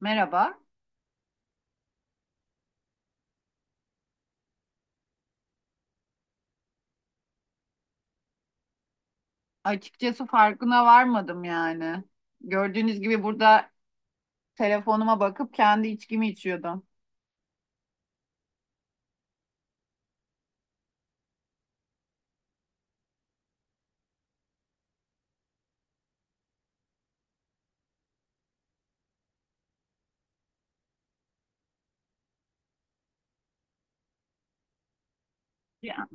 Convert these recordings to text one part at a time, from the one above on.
Merhaba. Açıkçası farkına varmadım yani. Gördüğünüz gibi burada telefonuma bakıp kendi içkimi içiyordum. Ya-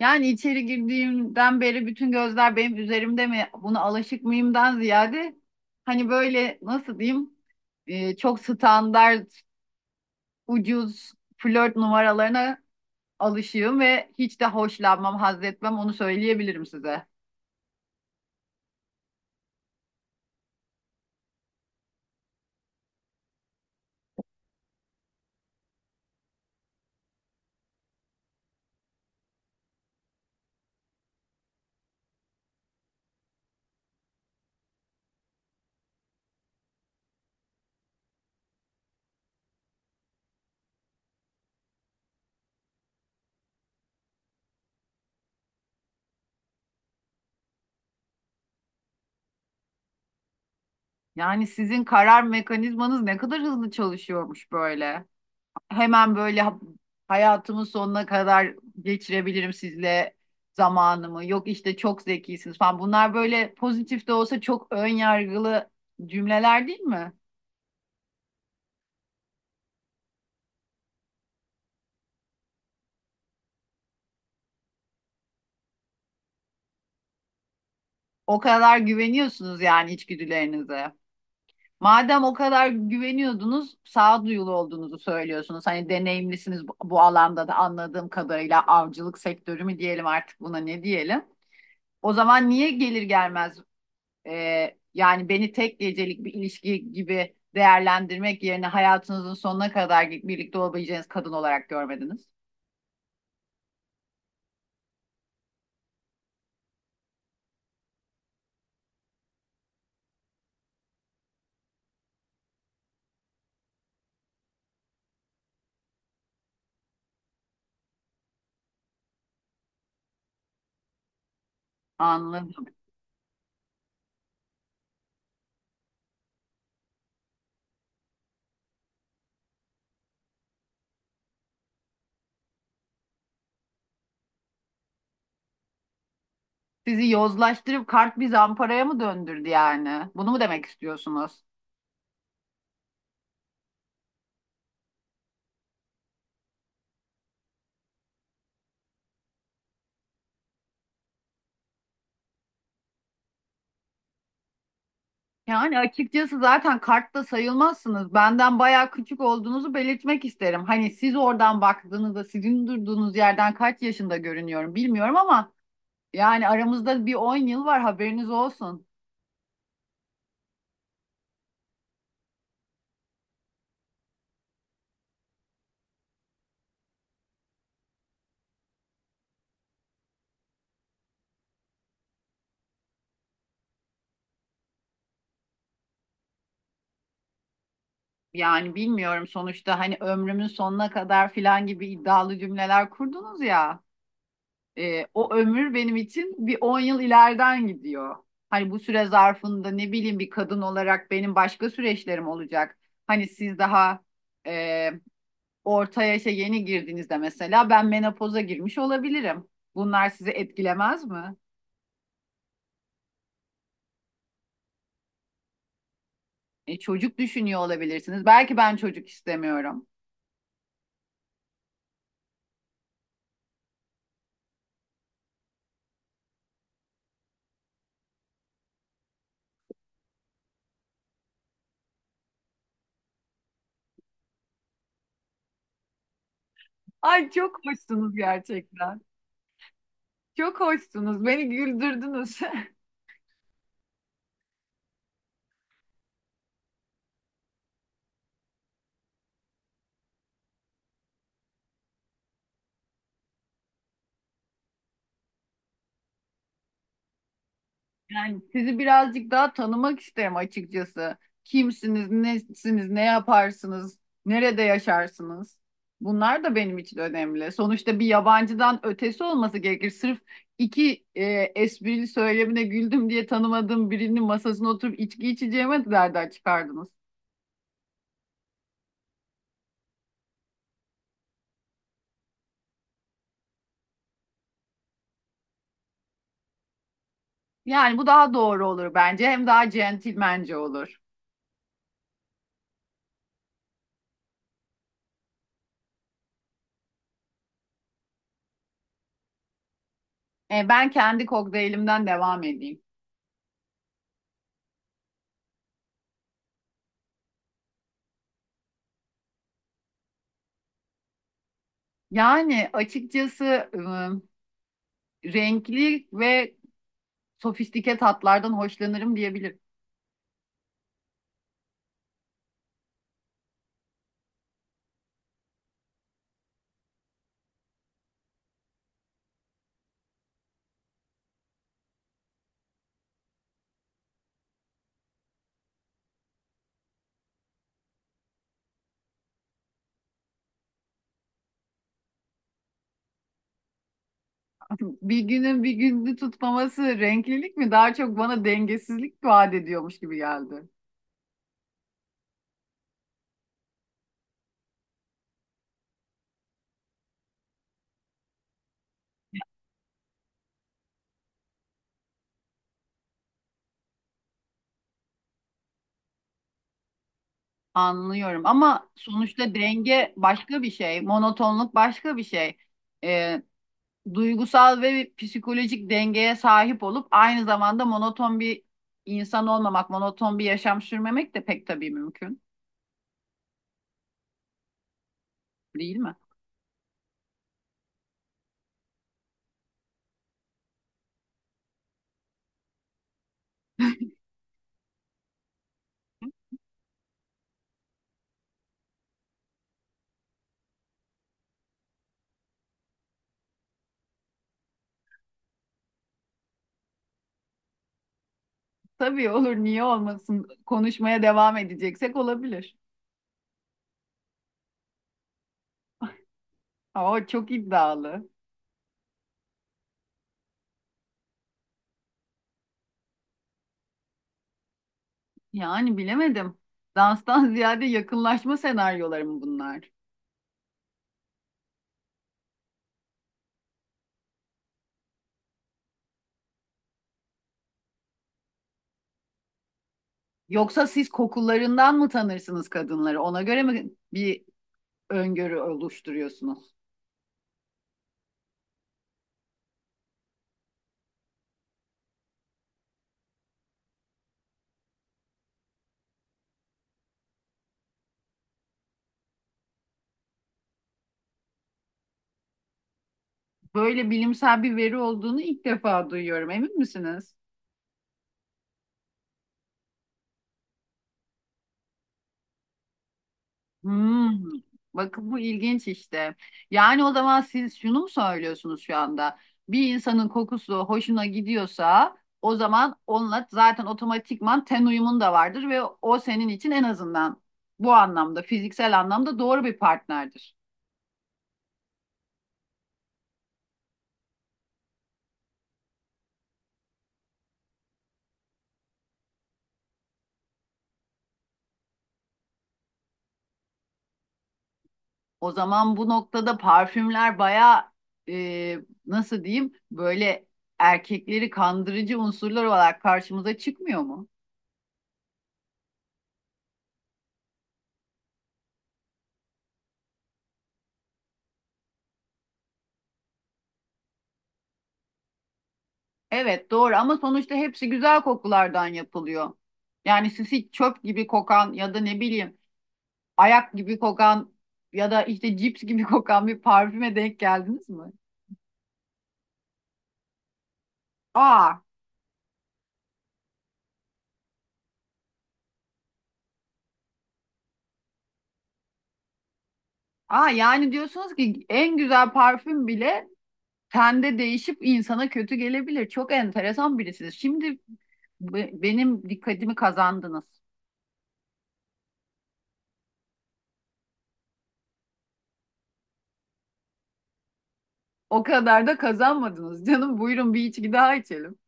Yani içeri girdiğimden beri bütün gözler benim üzerimde mi? Buna alışık mıyımdan ziyade hani böyle nasıl diyeyim, çok standart ucuz flört numaralarına alışığım ve hiç de hoşlanmam, haz etmem, onu söyleyebilirim size. Yani sizin karar mekanizmanız ne kadar hızlı çalışıyormuş böyle. Hemen böyle hayatımın sonuna kadar geçirebilirim sizle zamanımı. Yok işte çok zekisiniz falan. Bunlar böyle pozitif de olsa çok ön yargılı cümleler, değil mi? O kadar güveniyorsunuz yani içgüdülerinize. Madem o kadar güveniyordunuz, sağduyulu olduğunuzu söylüyorsunuz. Hani deneyimlisiniz bu alanda da, anladığım kadarıyla avcılık sektörü mü diyelim artık, buna ne diyelim? O zaman niye gelir gelmez yani beni tek gecelik bir ilişki gibi değerlendirmek yerine hayatınızın sonuna kadar birlikte olabileceğiniz kadın olarak görmediniz. Anladım. Sizi yozlaştırıp kart bir zamparaya mı döndürdü yani? Bunu mu demek istiyorsunuz? Yani açıkçası zaten kartta sayılmazsınız. Benden bayağı küçük olduğunuzu belirtmek isterim. Hani siz oradan baktığınızda sizin durduğunuz yerden kaç yaşında görünüyorum bilmiyorum ama yani aramızda bir 10 yıl var, haberiniz olsun. Yani bilmiyorum, sonuçta hani ömrümün sonuna kadar filan gibi iddialı cümleler kurdunuz ya. O ömür benim için bir 10 yıl ileriden gidiyor. Hani bu süre zarfında ne bileyim bir kadın olarak benim başka süreçlerim olacak. Hani siz daha e, orta yaşa yeni girdiğinizde mesela ben menopoza girmiş olabilirim. Bunlar sizi etkilemez mi? Çocuk düşünüyor olabilirsiniz. Belki ben çocuk istemiyorum. Ay, çok hoşsunuz gerçekten. Çok hoşsunuz. Beni güldürdünüz. Yani sizi birazcık daha tanımak isterim açıkçası. Kimsiniz, nesiniz, ne yaparsınız, nerede yaşarsınız? Bunlar da benim için önemli. Sonuçta bir yabancıdan ötesi olması gerekir. Sırf iki esprili söylemine güldüm diye tanımadığım birinin masasına oturup içki içeceğime de, nereden çıkardınız? Yani bu daha doğru olur bence. Hem daha centilmence olur. Ben kendi kokteylimden devam edeyim. Yani açıkçası renkli ve sofistike tatlardan hoşlanırım diyebilirim. Bir günün bir günü tutmaması renklilik mi? Daha çok bana dengesizlik vaat ediyormuş gibi geldi. Anlıyorum ama sonuçta denge başka bir şey, monotonluk başka bir şey. Ee, Duygusal ve psikolojik dengeye sahip olup aynı zamanda monoton bir insan olmamak, monoton bir yaşam sürmemek de pek tabii mümkün, değil mi? Tabii olur, niye olmasın? Konuşmaya devam edeceksek olabilir. Aa, çok iddialı. Yani bilemedim. Danstan ziyade yakınlaşma senaryoları mı bunlar? Yoksa siz kokularından mı tanırsınız kadınları? Ona göre mi bir öngörü oluşturuyorsunuz? Böyle bilimsel bir veri olduğunu ilk defa duyuyorum. Emin misiniz? Hmm, bakın bu ilginç işte. Yani o zaman siz şunu mu söylüyorsunuz şu anda? Bir insanın kokusu hoşuna gidiyorsa o zaman onunla zaten otomatikman ten uyumun da vardır ve o senin için en azından bu anlamda, fiziksel anlamda doğru bir partnerdir. O zaman bu noktada parfümler baya, nasıl diyeyim böyle, erkekleri kandırıcı unsurlar olarak karşımıza çıkmıyor mu? Evet doğru, ama sonuçta hepsi güzel kokulardan yapılıyor. Yani sisi çöp gibi kokan ya da ne bileyim ayak gibi kokan ya da işte cips gibi kokan bir parfüme denk geldiniz mi? Aa, aa, yani diyorsunuz ki en güzel parfüm bile tende değişip insana kötü gelebilir. Çok enteresan birisiniz. Şimdi benim dikkatimi kazandınız. O kadar da kazanmadınız. Canım, buyurun bir içki daha içelim.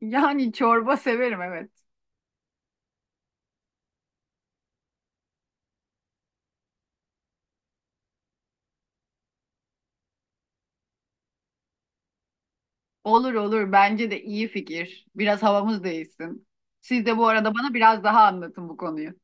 Yani çorba severim, evet. Olur olur. Bence de iyi fikir. Biraz havamız değişsin. Siz de bu arada bana biraz daha anlatın bu konuyu.